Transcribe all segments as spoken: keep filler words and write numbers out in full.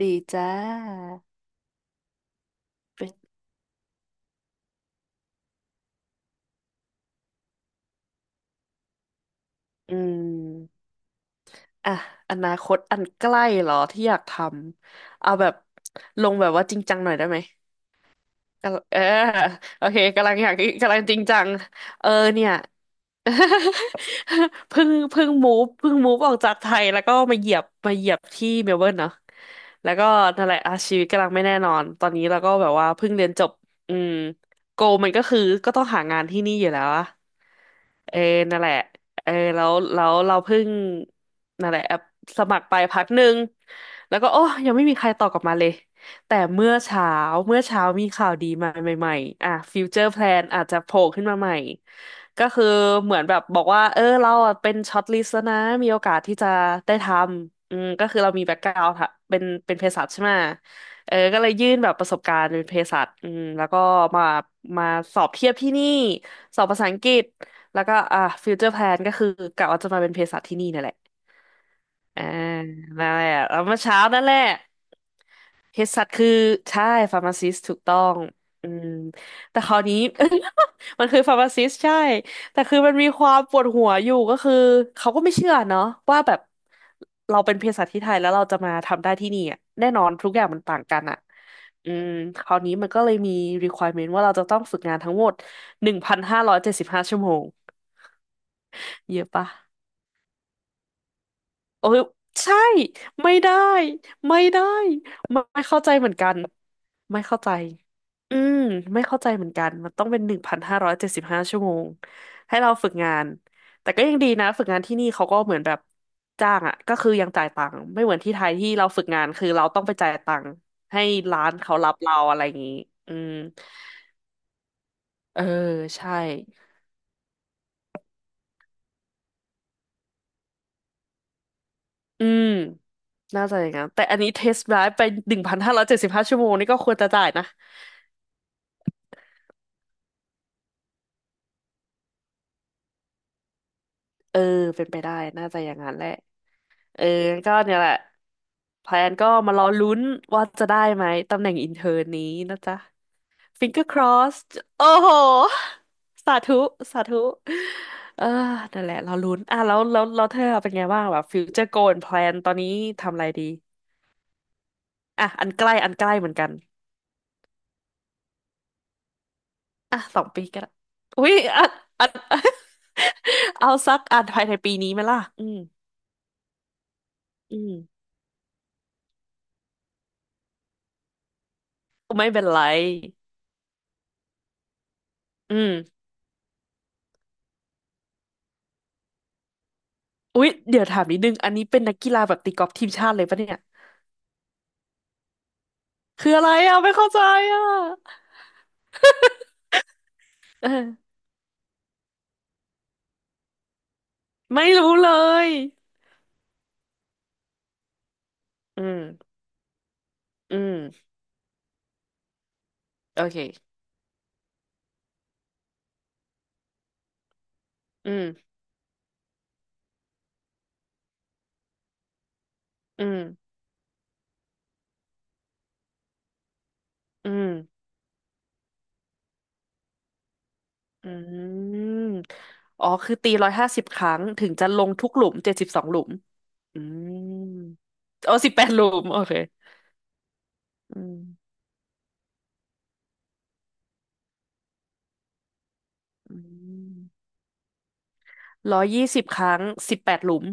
ดีจ้าเป็นอืมอ่ะอนาคตอันใกล้เหรอที่อยากทำเอาแบบลงแบบว่าจริงจังหน่อยได้ไหมกำลังเออโอเคกำลังอยากกำลังจริงจังเออเนี่ย เพิ่งเพิ่งมูฟเพิ่งมูฟออกจากไทยแล้วก็มาเหยียบมาเหยียบที่เมลเบิร์นเนาะแล้วก็นั่นแหละอาชีวิตกำลังไม่แน่นอนตอนนี้เราก็แบบว่าเพิ่งเรียนจบอืมโกมันก็คือก็ต้องหางานที่นี่อยู่แล้วอะ เออนั่นแหละเออแล้วแล้วเราเพิ่งนั่นแหละแอปสมัครไปพักหนึ่งแล้วก็โอ้ยังไม่มีใครตอบกลับมาเลยแต่เมื่อเช้าเมื่อเช้ามีข่าวดีมาใหม่ๆอ่ะฟิวเจอร์แพลนอาจจะโผล่ขึ้นมาใหม่ก็คือเหมือนแบบบอกว่าเออเราอะเป็นช็อตลิสต์แล้วนะมีโอกาสที่จะได้ทำอืมก็คือเรามีแบ็กกราวด์คเป็นเป็นเภสัชใช่ไหมเออก็เลยยื่นแบบประสบการณ์เป็นเภสัชอืมแล้วก็มามาสอบเทียบที่นี่สอบภาษาอังกฤษ แล้วก็อ่าฟิวเจอร์แพลนก็คือกะว่าจะมาเป็นเภสัชที่นี่นั่นแหละอ่านั่นแหละแล้วเมื่อเช้านั่นแหละเภสัชคือใช่ฟาร์มาซิสถูกต้องอืมแต่คราวนี้ มันคือฟาร์มาซิสใช่แต่คือมันมีความปวดหัวอยู่ก็คือเขาก็ไม่เชื่อเนาะว่าแบบเราเป็นเภสัชที่ไทยแล้วเราจะมาทำได้ที่นี่อะแน่นอนทุกอย่างมันต่างกันอะอืมคราวนี้มันก็เลยมี requirement ว่าเราจะต้องฝึกงานทั้งหมดหนึ่งพันห้าร้อยเจ็ดสิบห้าชั่วโมงเยอะปะ เออใช่ไม่ได้ไม่ได้ไม่ไม่เข้าใจเหมือนกันไม่เข้าใจอืมไม่เข้าใจเหมือนกันมันต้องเป็นหนึ่งพันห้าร้อยเจ็ดสิบห้าชั่วโมงให้เราฝึกงานแต่ก็ยังดีนะฝึกงานที่นี่เขาก็เหมือนแบบจ้างอ่ะก็คือยังจ่ายตังค์ไม่เหมือนที่ไทยที่เราฝึกงานคือเราต้องไปจ่ายตังค์ให้ร้านเขารับเราอะไรอย่างนี้อืมเออใช่อืมน่าจะอย่างนั้นแต่อันนี้เทสไดรฟ์ไปหนึ่งพันห้าร้อยเจ็ดสิบห้าชั่วโมงนี่ก็ควรจะจ่ายนะ เออเป็นไปได้น่าจะอย่างนั้นแหละเออก็เนี่ยแหละแพลนก็มารอลุ้นว่าจะได้ไหมตำแหน่งอินเทอร์นี้นะจ๊ะ finger cross โอ้โหสาธุสาธุเออนั่นแหละรอลุ้นอ่ะแล้วแล้วแล้วเธอเป็นไงบ้างแบบฟิวเจอร์โกนแ l a นตอนนี้ทำอะไรดีอ่ะอันใกล้อันใกล้เหมือนกันอ่ะสองปีก็ได้อุ้ยอันอัน เอาสักอันภายในปีนี้ไหมล่ะอืมอืมไม่เป็นไรอืม อุ๊ยเดี๋ยวถามนิดนึงอันนี้เป็นนักกีฬาแบบตีกอล์ฟทีมชาติเลยปะเนี่ยคืออะไรอ่ะไม่เข้าใจอ่ะเออไม่รู้เลยอืมอืมโอเคอืมอืมอืมอืมอ๋อคือตีร้อยห้าสิบครั้งถึงจะลงทุกหลุมเจ็ดสิบสองหลุมอืมอ๋อสิบแปดหลุมโอเคอืมอืมร้อยยี่สิบครั้งสิบแปดหลุม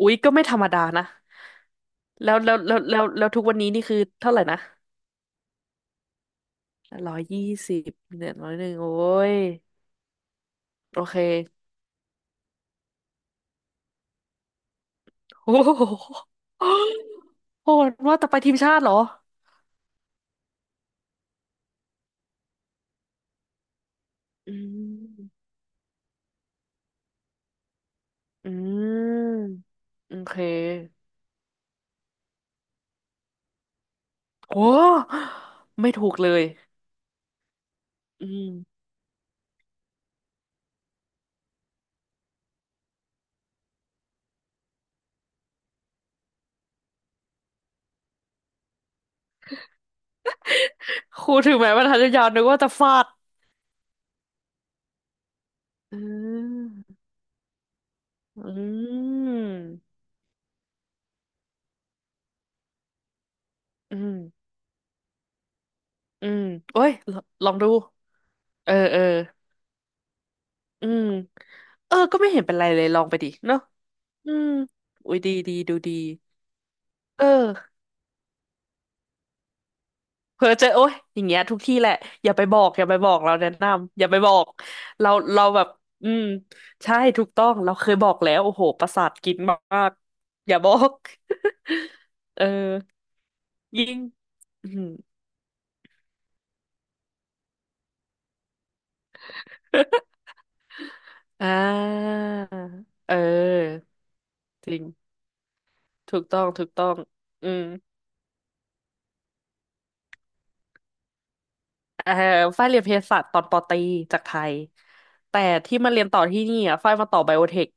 อุ๊ยก็ไม่ธรรมดานะแล้วแล้วแล้วแล้วแล้วทุกวันนี้นี่คือเท่าไหร่นะ ร้อยยี่สิบเนี่ยร้อยหนึ่งโอ้ยโอเค โอ้โหโหดว่าแต่ไปทีมชาติเหรออืมอืมโอเคโอ้ไม่ถูกเลยอืมครูถึงแม้ว่าทันยาวๆนึกว่าจะฟาดอืมอืมอืมอืมโอ้ยลลองดูเออเอออืมเออก็ไม่เห็นเป็นไรเลยลองไปดิเนาะอืมอุ้ยดีดีดูดีเออ เพ้อเจอโอ๊ยอย่างเงี้ยทุกที่แหละอย่าไปบอกอย่าไปบอกเราแนะนำอย่าไปบอกเราเราแบบอืมใช่ถูกต้องเราเคยบอกแล้วโอ้โหประสาทกินมากอย่าบอก เออยิ่งอืม อ่าเออจริงถูกต้องถูกต้องอืมเออฝ้ายเรียนเภสัชตอนปอตรีจากไทยแต่ที่มาเรียนต่อที่นี่อ่ะฝ้ายมาต่อไบโอเทค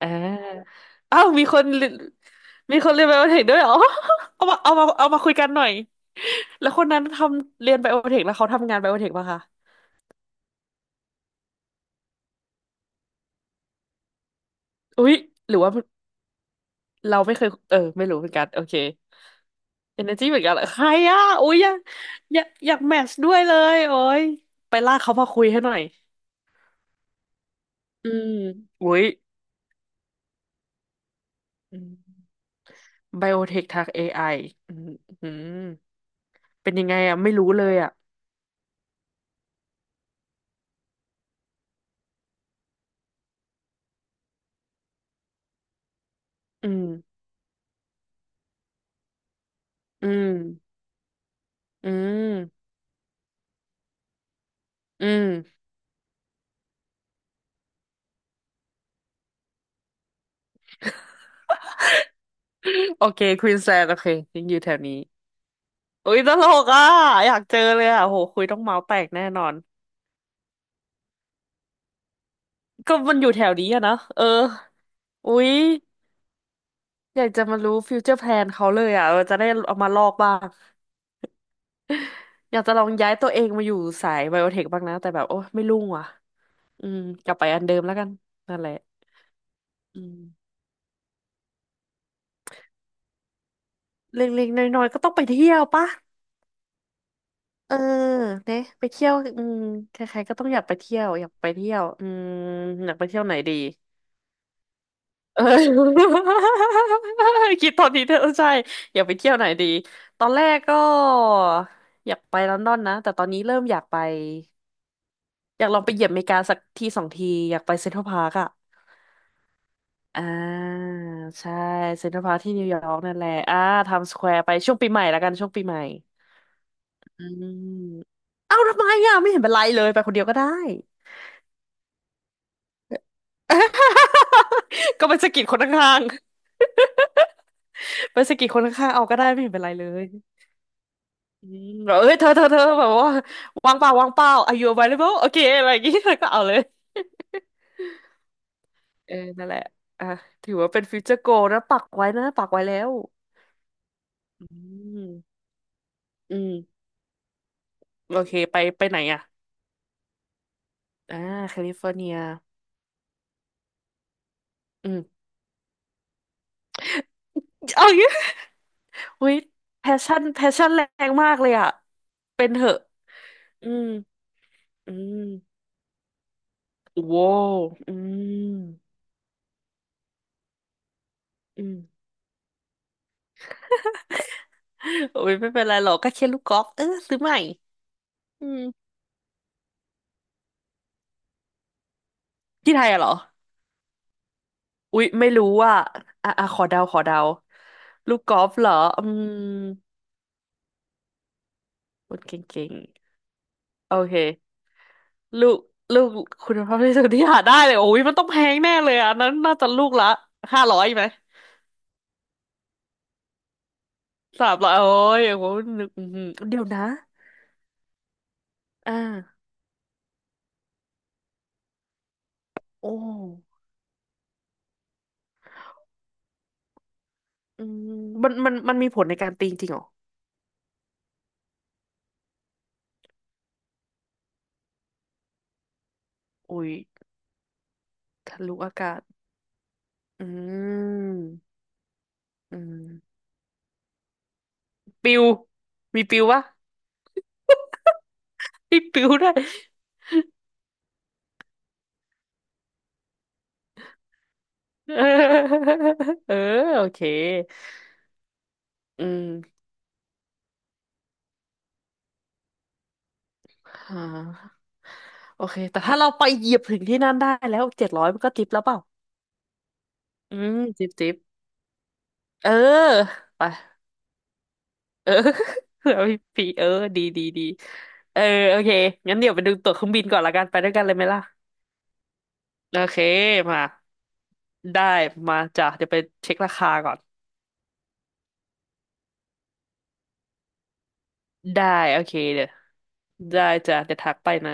อ่าอ้าวมีคนเรียนมีคนเรียนไบโอเทคด้วยเหรอ เอามาเอามาเอามาคุยกันหน่อยแล้วคนนั้นทำเรียนไบโอเทคแล้วเขาทำงานไบโอเทคป่ะคะอุ๊ยหรือว่าเราไม่เคยเออไม่รู้เหมือนกันโอเคเอเนอร์จีเหมือนกันเหรอใครอ่ะอุ๊ยอยากอยากอยากแมทช์ด้วยเลยโอ้ยไปลากเขามาคุยให้หน่อยอืมอุ๊ยไบโอเทคทาง เอ ไอ อไออืมอืมเป็นยังไงอ่ะไม่รู้เลยอ่ะอืมอืมอืมอืม โอเคควีนแลนด์โอเคยังอยู่แถวนี้อุ้ยตลกอ่ะอยากเจอเลยอ่ะโหคุยต้องเมาส์แตกแน่นอนก็มันอยู่แถวนี้อะนะเอออุ้ยอยากจะมารู้ฟิวเจอร์แพลนเขาเลยอ่ะเออจะได้เอามาลอกบ้างอยากจะลองย้ายตัวเองมาอยู่สายไบโอเทคบ้างนะแต่แบบโอ้ไม่รุ่งว่ะอืมกลับไปอันเดิมแล้วกันนั่นแหละอืมเล็กๆน้อยๆก็ต้องไปเที่ยวปะเออเนี่ยไปเที่ยวอืมใครๆก็ต้องอยากไปเที่ยวอยากไปเที่ยวอืมอยากไปเที่ยวไหนดี เออ คิดตอนนี้เธออใช่อยากไปเที่ยวไหนดีตอนแรกก็อยากไปลอนดอนนะแต่ตอนนี้เริ่มอยากไปอยากลองไปเหยียบอเมริกาสักทีสองทีอยากไปเซ็นทรัลพาร์คอะอ่าใช่เซ็นทรัลพาร์คที่นิวยอร์กนั่นแหละอ่าไทม์สแควร์ไปช่วงปีใหม่ละกันช่วงปีใหม่อืมเอ้าทำไมอ่ะไม่เห็นเป็นไรเลยไปคนเดียวก็ได้ ก็ไปสะกิดคนข้างๆไปสะกิดคนข้างๆเอาก็ได้ไม่เห็นเป็นไรเลย อืมแบบเอ้ยเธอเธอเธอแบบว่าวางเปล่าวางเปล่า Are you available โอเคอะไรอย่างงี้ เธอก็เอาเลย เออนั่นแหละอ่ะถือว่าเป็นฟิวเจอร์โกนะปักไว้นะปักไว้แล้วอืมอืมโอเคไปไปไหนอ่ะอ่าแคลิฟอร์เนียอืม เอาอย่างงี้เฮ้ยแพชชั่นแพชชั่นแรงมากเลยอ่ะเป็นเถอะอืมอืมโว้วอืมอืม โอ้ยไม่เป็นไรหรอกก็แค่ลูกกอล์ฟเออซื้อใหม่อืมที่ไทยอะเหรอ อุ๊ยไม่รู้ว่าอ่ะอ่ะขอเดาขอเดาลูกกอล์ฟเหรออืมคนเก่งๆโอเคลูกลูกคุณภาพที่สุดที่หาได้เลยโอ้ยมันต้องแพงแน่เลยอะอันนั้นน่าจะลูกละห้าร้อยไหมสามร้อยโอ้ยโอ้โหนึกอื้อหือเดี๋ยวนะอ่าโอ้อืมมันมันมันมีผลในการตีจริงเหรออุ้ยทะลุอากาศอืมอืมปิวมีปิวปะมีปิวได้วย เออเออโอเคอืมอ่าโอเคแต่ถ้าเราไปเหยียบถึงที่นั่นได้แล้วเจ็ดร้อยมันก็ทิปแล้วเปล่าอืมจิบจิบเออไปเออ แล้วพี่ปีเออดีดีดีเออโอเคงั้นเดี๋ยวไปดูตั๋วเครื่องบินก่อนละกันไปด้วยกันเลยไหมล่ะโอเคมาได้มาจ้ะเดี๋ยวไปเช็คราคาก่อนได้โอเคเดี๋ยวได้จ้ะเดี๋ยวทักไปนะ